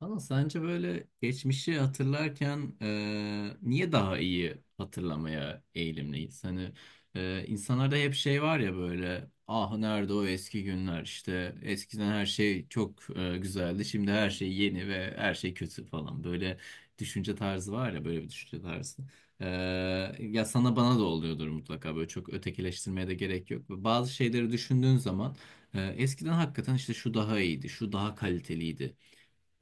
Ama sence böyle geçmişi hatırlarken niye daha iyi hatırlamaya eğilimliyiz? Hani insanlarda hep şey var ya böyle ah nerede o eski günler işte eskiden her şey çok güzeldi, şimdi her şey yeni ve her şey kötü falan böyle düşünce tarzı var ya böyle bir düşünce tarzı. E, Ya sana bana da oluyordur mutlaka, böyle çok ötekileştirmeye de gerek yok. Bazı şeyleri düşündüğün zaman eskiden hakikaten işte şu daha iyiydi, şu daha kaliteliydi,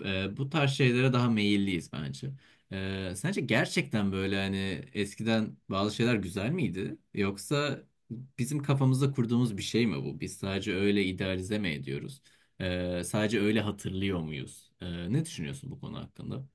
bu tarz şeylere daha meyilliyiz bence. Sence gerçekten böyle hani eskiden bazı şeyler güzel miydi? Yoksa bizim kafamızda kurduğumuz bir şey mi bu? Biz sadece öyle idealize mi ediyoruz? Sadece öyle hatırlıyor muyuz? Ne düşünüyorsun bu konu hakkında?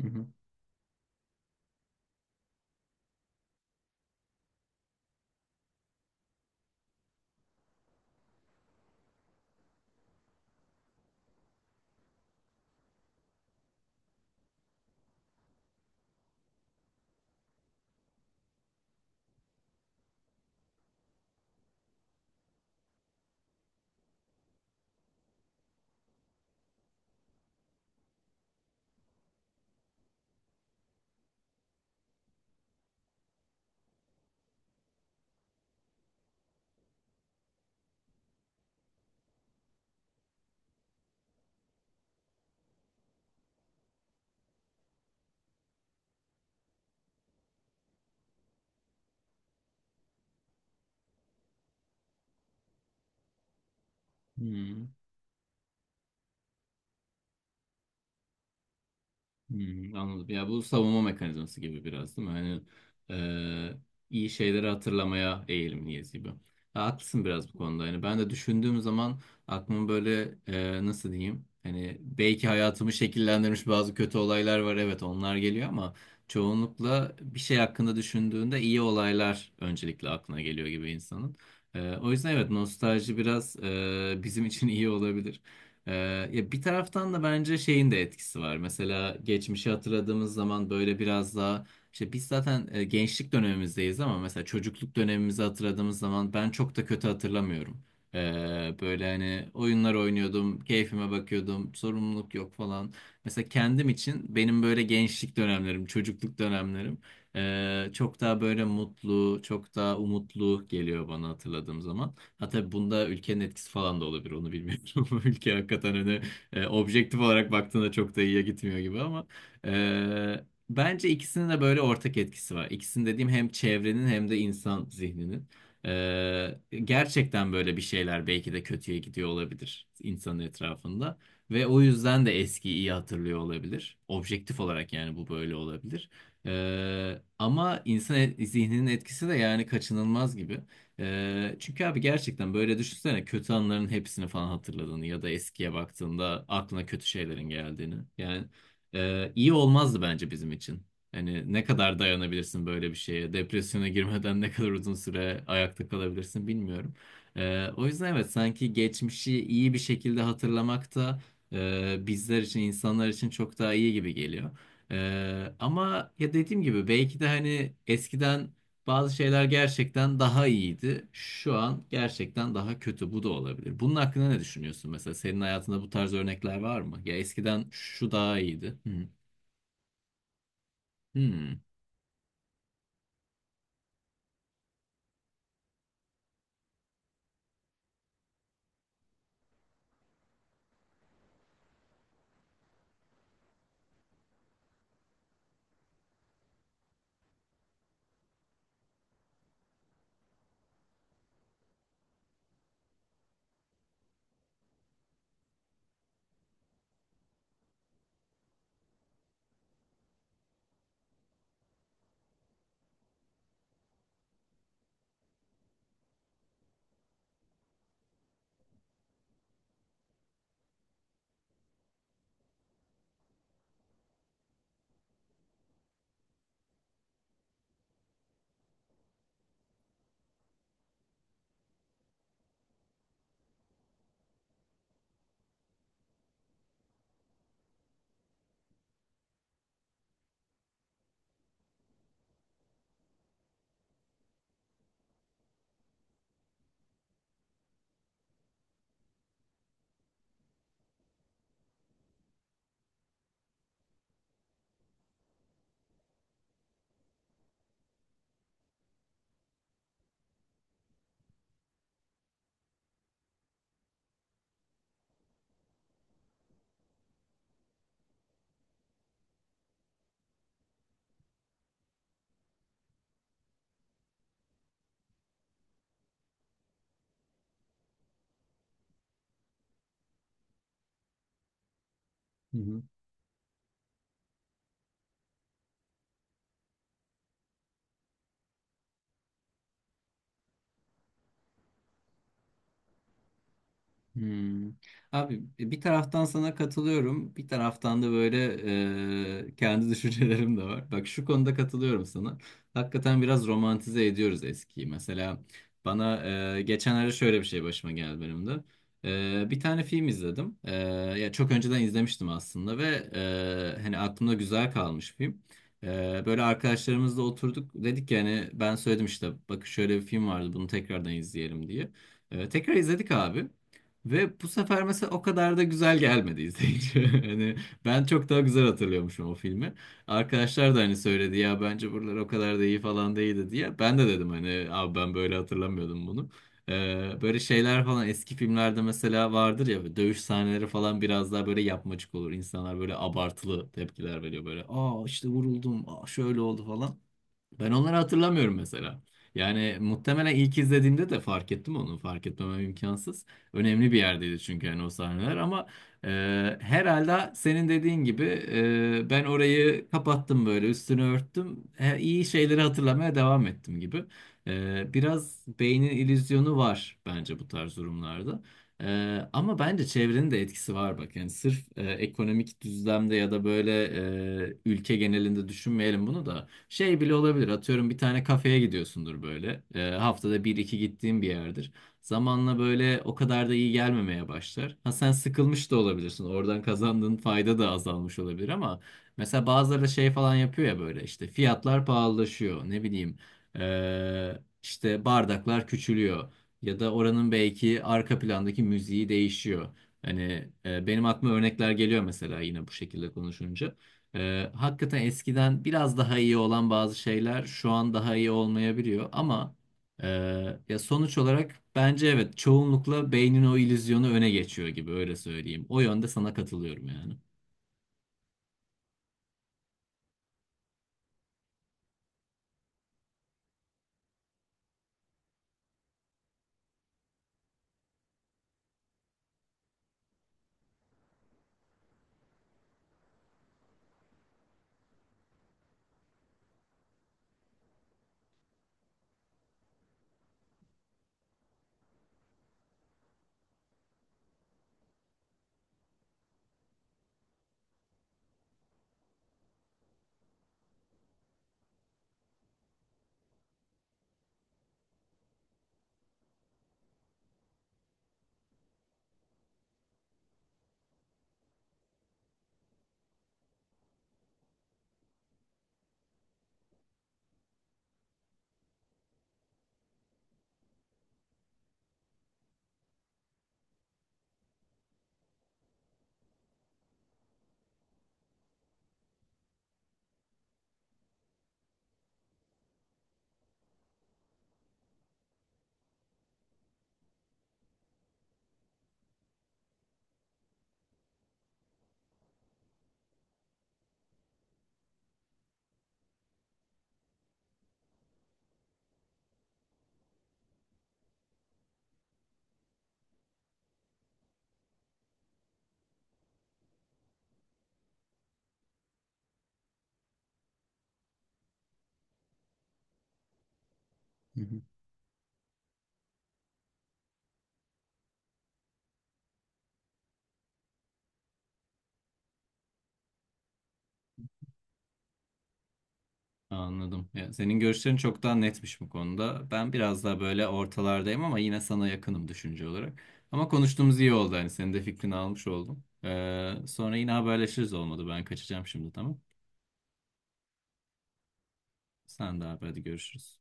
Hı hı. Hmm. Hmm, anladım. Ya bu savunma mekanizması gibi biraz değil mi? Hani e, iyi şeyleri hatırlamaya eğilimliyiz gibi. Ha, haklısın biraz bu konuda. Yani ben de düşündüğüm zaman aklım böyle nasıl diyeyim? Hani belki hayatımı şekillendirmiş bazı kötü olaylar var. Evet, onlar geliyor ama çoğunlukla bir şey hakkında düşündüğünde iyi olaylar öncelikle aklına geliyor gibi insanın. O yüzden evet, nostalji biraz bizim için iyi olabilir. Ee, Ya bir taraftan da bence şeyin de etkisi var. Mesela geçmişi hatırladığımız zaman böyle biraz daha işte biz zaten gençlik dönemimizdeyiz ama mesela çocukluk dönemimizi hatırladığımız zaman ben çok da kötü hatırlamıyorum. Böyle hani oyunlar oynuyordum, keyfime bakıyordum, sorumluluk yok falan. Mesela kendim için benim böyle gençlik dönemlerim, çocukluk dönemlerim çok daha böyle mutlu, çok daha umutlu geliyor bana hatırladığım zaman. Ha tabii bunda ülkenin etkisi falan da olabilir, onu bilmiyorum. Ülke hakikaten hani objektif olarak baktığında çok da iyiye gitmiyor gibi ama e, bence ikisinin de böyle ortak etkisi var. İkisinin dediğim hem çevrenin hem de insan zihninin. Gerçekten böyle bir şeyler belki de kötüye gidiyor olabilir insanın etrafında. Ve o yüzden de eskiyi iyi hatırlıyor olabilir. Objektif olarak yani bu böyle olabilir. Ama insan zihninin etkisi de yani kaçınılmaz gibi. Çünkü abi gerçekten böyle düşünsene, kötü anların hepsini falan hatırladığını ya da eskiye baktığında aklına kötü şeylerin geldiğini. Yani iyi olmazdı bence bizim için. Hani ne kadar dayanabilirsin böyle bir şeye? Depresyona girmeden ne kadar uzun süre ayakta kalabilirsin bilmiyorum. O yüzden evet, sanki geçmişi iyi bir şekilde hatırlamak da bizler için, insanlar için çok daha iyi gibi geliyor. Ama ya dediğim gibi belki de hani eskiden bazı şeyler gerçekten daha iyiydi. Şu an gerçekten daha kötü. Bu da olabilir. Bunun hakkında ne düşünüyorsun mesela? Senin hayatında bu tarz örnekler var mı? Ya eskiden şu daha iyiydi. Hmm. Hmm. Hmm. Abi bir taraftan sana katılıyorum, bir taraftan da böyle kendi düşüncelerim de var. Bak şu konuda katılıyorum sana. Hakikaten biraz romantize ediyoruz eskiyi. Mesela bana geçenlerde şöyle bir şey başıma geldi benim de. Bir tane film izledim. Ya çok önceden izlemiştim aslında ve hani aklımda güzel kalmış film. Böyle arkadaşlarımızla oturduk, dedik yani ben söyledim işte bakın şöyle bir film vardı, bunu tekrardan izleyelim diye. Tekrar izledik abi. Ve bu sefer mesela o kadar da güzel gelmedi izleyici. Hani ben çok daha güzel hatırlıyormuşum o filmi. Arkadaşlar da hani söyledi ya bence buralar o kadar da iyi falan değildi diye. Ben de dedim hani abi ben böyle hatırlamıyordum bunu. Böyle şeyler falan eski filmlerde mesela vardır ya, böyle dövüş sahneleri falan biraz daha böyle yapmacık olur. İnsanlar böyle abartılı tepkiler veriyor böyle. Aa işte vuruldum, aa şöyle oldu falan. Ben onları hatırlamıyorum mesela. Yani muhtemelen ilk izlediğimde de fark ettim onu. Fark etmemem imkansız. Önemli bir yerdeydi çünkü yani o sahneler ama e, herhalde senin dediğin gibi ben orayı kapattım, böyle üstünü örttüm. He, iyi şeyleri hatırlamaya devam ettim gibi. Biraz beynin illüzyonu var bence bu tarz durumlarda. E, Ama bence çevrenin de etkisi var bak. Yani sırf ekonomik düzlemde ya da böyle ülke genelinde düşünmeyelim bunu da. Şey bile olabilir. Atıyorum bir tane kafeye gidiyorsundur böyle. Haftada bir iki gittiğin bir yerdir. Zamanla böyle o kadar da iyi gelmemeye başlar. Ha sen sıkılmış da olabilirsin. Oradan kazandığın fayda da azalmış olabilir ama mesela bazıları da şey falan yapıyor ya böyle işte fiyatlar pahalılaşıyor. Ne bileyim işte bardaklar küçülüyor. Ya da oranın belki arka plandaki müziği değişiyor. Hani benim aklıma örnekler geliyor mesela yine bu şekilde konuşunca. Hakikaten eskiden biraz daha iyi olan bazı şeyler şu an daha iyi olmayabiliyor ama e, ya sonuç olarak bence evet, çoğunlukla beynin o illüzyonu öne geçiyor gibi, öyle söyleyeyim. O yönde sana katılıyorum yani. Hı hı. Anladım. Ya senin görüşlerin çok daha netmiş bu konuda. Ben biraz daha böyle ortalardayım ama yine sana yakınım düşünce olarak. Ama konuştuğumuz iyi oldu, hani senin de fikrini almış oldum. Sonra yine haberleşiriz, olmadı. Ben kaçacağım şimdi, tamam. Sen de abi, hadi görüşürüz.